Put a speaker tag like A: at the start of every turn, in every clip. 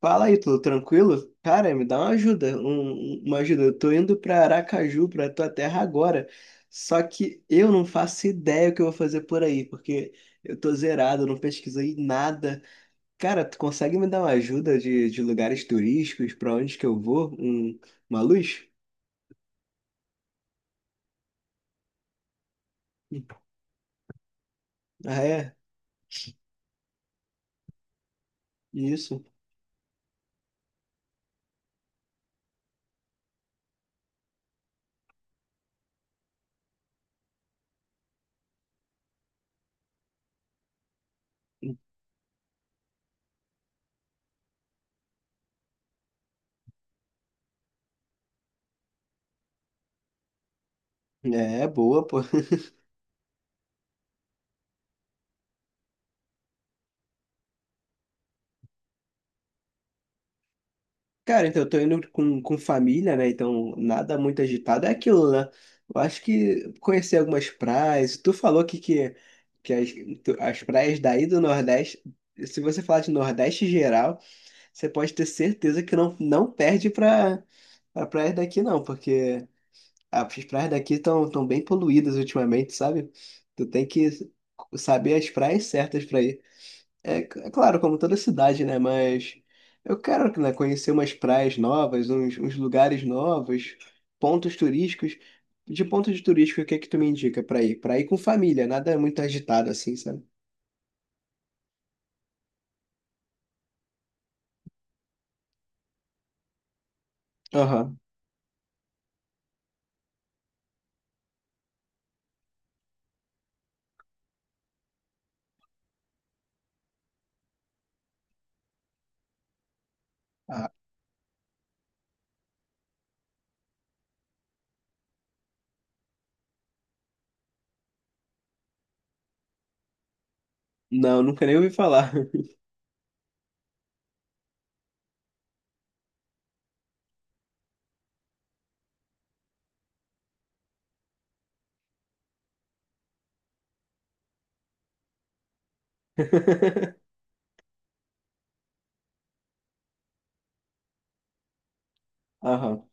A: Fala aí, tudo tranquilo? Cara, me dá uma ajuda. Eu tô indo pra Aracaju, pra tua terra agora. Só que eu não faço ideia o que eu vou fazer por aí, porque eu tô zerado, eu não pesquisei nada. Cara, tu consegue me dar uma ajuda de lugares turísticos, pra onde que eu vou? Uma luz? Hum. Ah, é? Isso. É, boa, pô. Cara, então eu tô indo com família, né? Então nada muito agitado. É aquilo, né? Eu acho que conhecer algumas praias. Tu falou que as praias daí do Nordeste, se você falar de Nordeste geral, você pode ter certeza que não perde pra praias daqui, não, porque as praias daqui estão tão tão bem poluídas ultimamente, sabe? Tu tem que saber as praias certas pra ir. É, é claro, como toda cidade, né? Mas eu quero, né, conhecer umas praias novas, uns lugares novos, pontos turísticos. De pontos turísticos, o que é que tu me indica pra ir? Pra ir com família, nada muito agitado assim, sabe? Aham. Ah, não, nunca nem ouvi falar. Aham.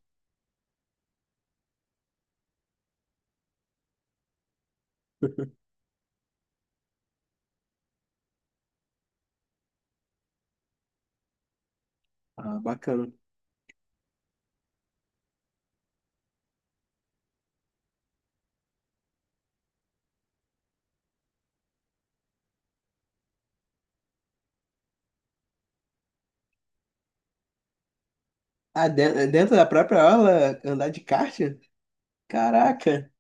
A: Ah, bacana. Ah, dentro da própria aula, andar de kart? Caraca.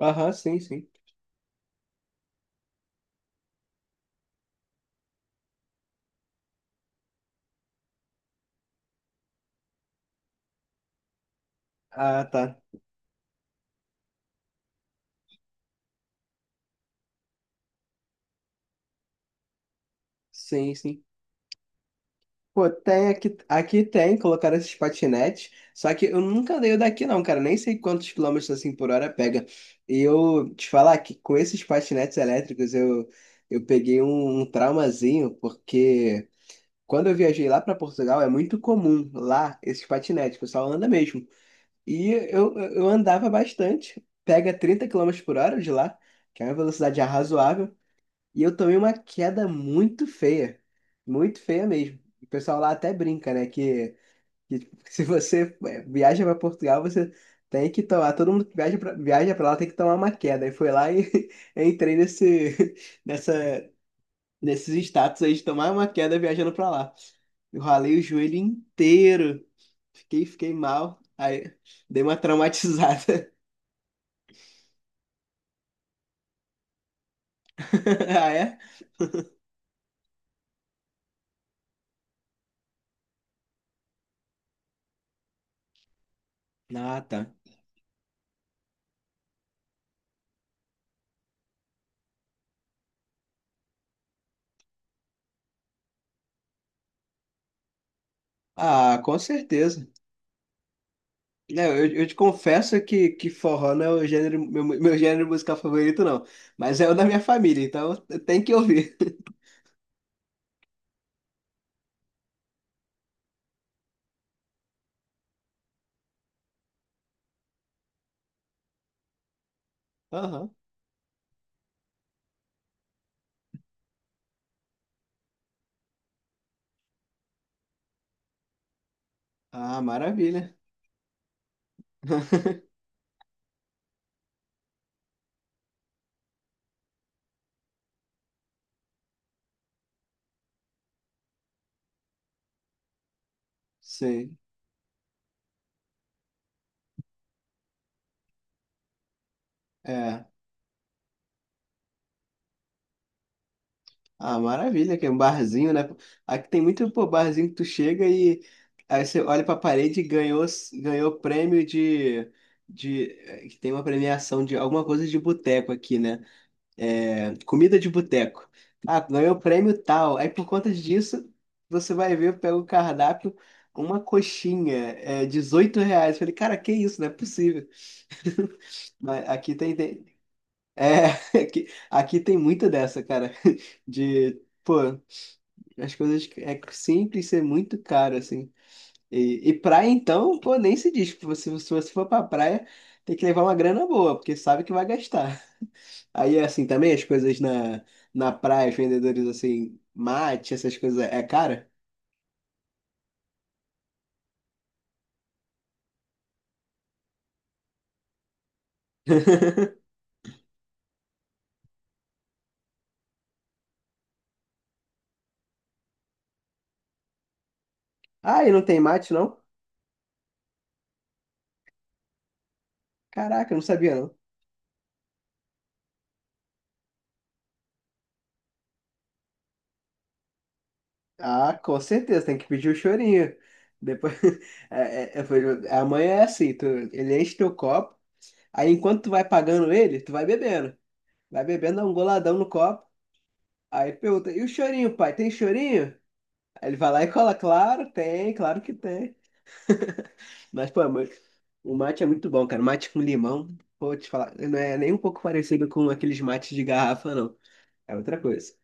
A: Aham, sim, sim. Ah, tá. Sim, sim. Pô, tem aqui, aqui tem, colocaram esses patinetes, só que eu nunca andei o daqui não, cara, nem sei quantos quilômetros assim por hora pega. E eu te falar que com esses patinetes elétricos eu peguei um traumazinho, porque quando eu viajei lá para Portugal é muito comum lá esses patinetes, o pessoal anda mesmo. E eu andava bastante, pega 30 km/h de lá, que é uma velocidade razoável. E eu tomei uma queda muito feia. Muito feia mesmo. O pessoal lá até brinca, né? Que tipo, se você é, viaja para Portugal, você tem que tomar. Todo mundo que viaja para viaja para lá tem que tomar uma queda. E foi lá e eu entrei nessa, nesses status aí de tomar uma queda viajando para lá. Eu ralei o joelho inteiro. Fiquei mal. Aí dei uma traumatizada. Ah, é? Ah, tá. Ah, com certeza. É, eu te confesso que forró não é o gênero, meu gênero musical favorito, não. Mas é o da minha família, então tem que ouvir. Aham. Ah, maravilha. Sim. É. Ah, maravilha, que é um barzinho, né? Aqui tem muito, pô, barzinho que tu chega e aí você olha pra parede e ganhou, ganhou prêmio de. Que tem uma premiação de alguma coisa de boteco aqui, né? É, comida de boteco. Ah, ganhou o prêmio tal. Aí por conta disso, você vai ver, pega o cardápio, uma coxinha, é R$ 18. Falei, cara, que isso? Não é possível. Mas aqui é, aqui, aqui tem muita dessa, cara. De, pô, as coisas é simples ser muito caro, assim. E praia, então, pô, nem se diz. Se você for pra praia, tem que levar uma grana boa, porque sabe que vai gastar. Aí, é assim, também as coisas na praia, os vendedores, assim, mate, essas coisas, é cara? Ah, e não tem mate, não? Caraca, eu não sabia, não. Ah, com certeza, tem que pedir o chorinho. Depois, a mãe é assim, tu, ele enche teu copo, aí enquanto tu vai pagando ele, tu vai bebendo. Vai bebendo, dá um goladão no copo, aí pergunta, e o chorinho, pai, tem chorinho? Aí ele vai lá e cola, claro, tem, claro que tem. Mas, pô, mas o mate é muito bom, cara. Mate com limão, vou te falar, não é nem um pouco parecido com aqueles mates de garrafa, não. É outra coisa.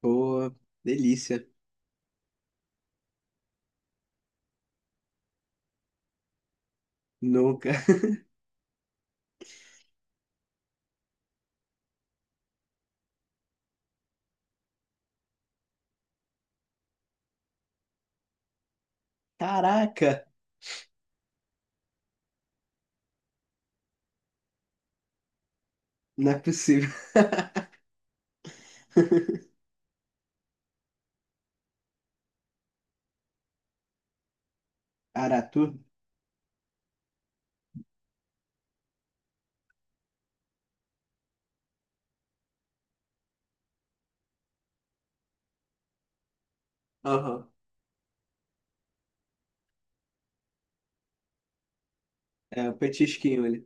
A: Pô, delícia. Nunca. Caraca, não é possível. Aratu? Aham. É um petisquinho ali.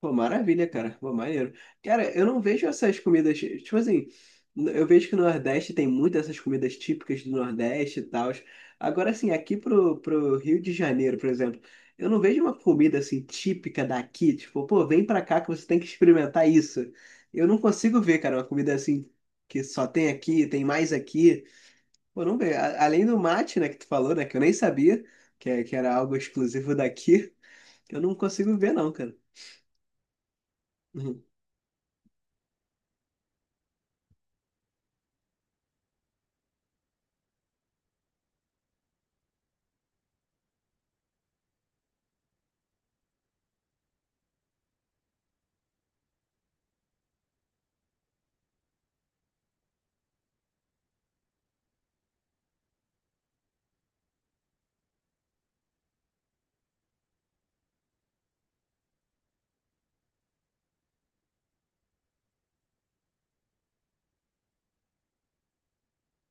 A: Pô, maravilha, cara. Pô, maneiro. Cara, eu não vejo essas comidas. Tipo assim, eu vejo que no Nordeste tem muitas essas comidas típicas do Nordeste e tal. Agora, assim, aqui pro Rio de Janeiro, por exemplo, eu não vejo uma comida assim típica daqui. Tipo, pô, vem pra cá que você tem que experimentar isso. Eu não consigo ver, cara, uma comida assim que só tem aqui, tem mais aqui. Pô, não vejo. A- Além do mate, né, que tu falou, né, que eu nem sabia que era algo exclusivo daqui, eu não consigo ver, não, cara. Uhum.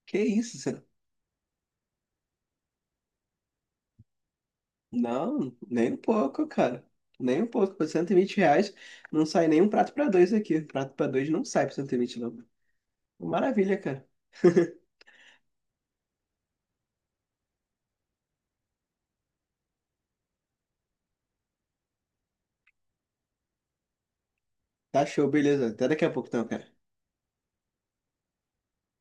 A: Que isso. Não, nem um pouco, cara. Nem um pouco. Por R$ 120 não sai nem um prato pra dois aqui. Prato pra dois não sai por 120, não. Maravilha, cara. Tá show, beleza. Até daqui a pouco, então, cara.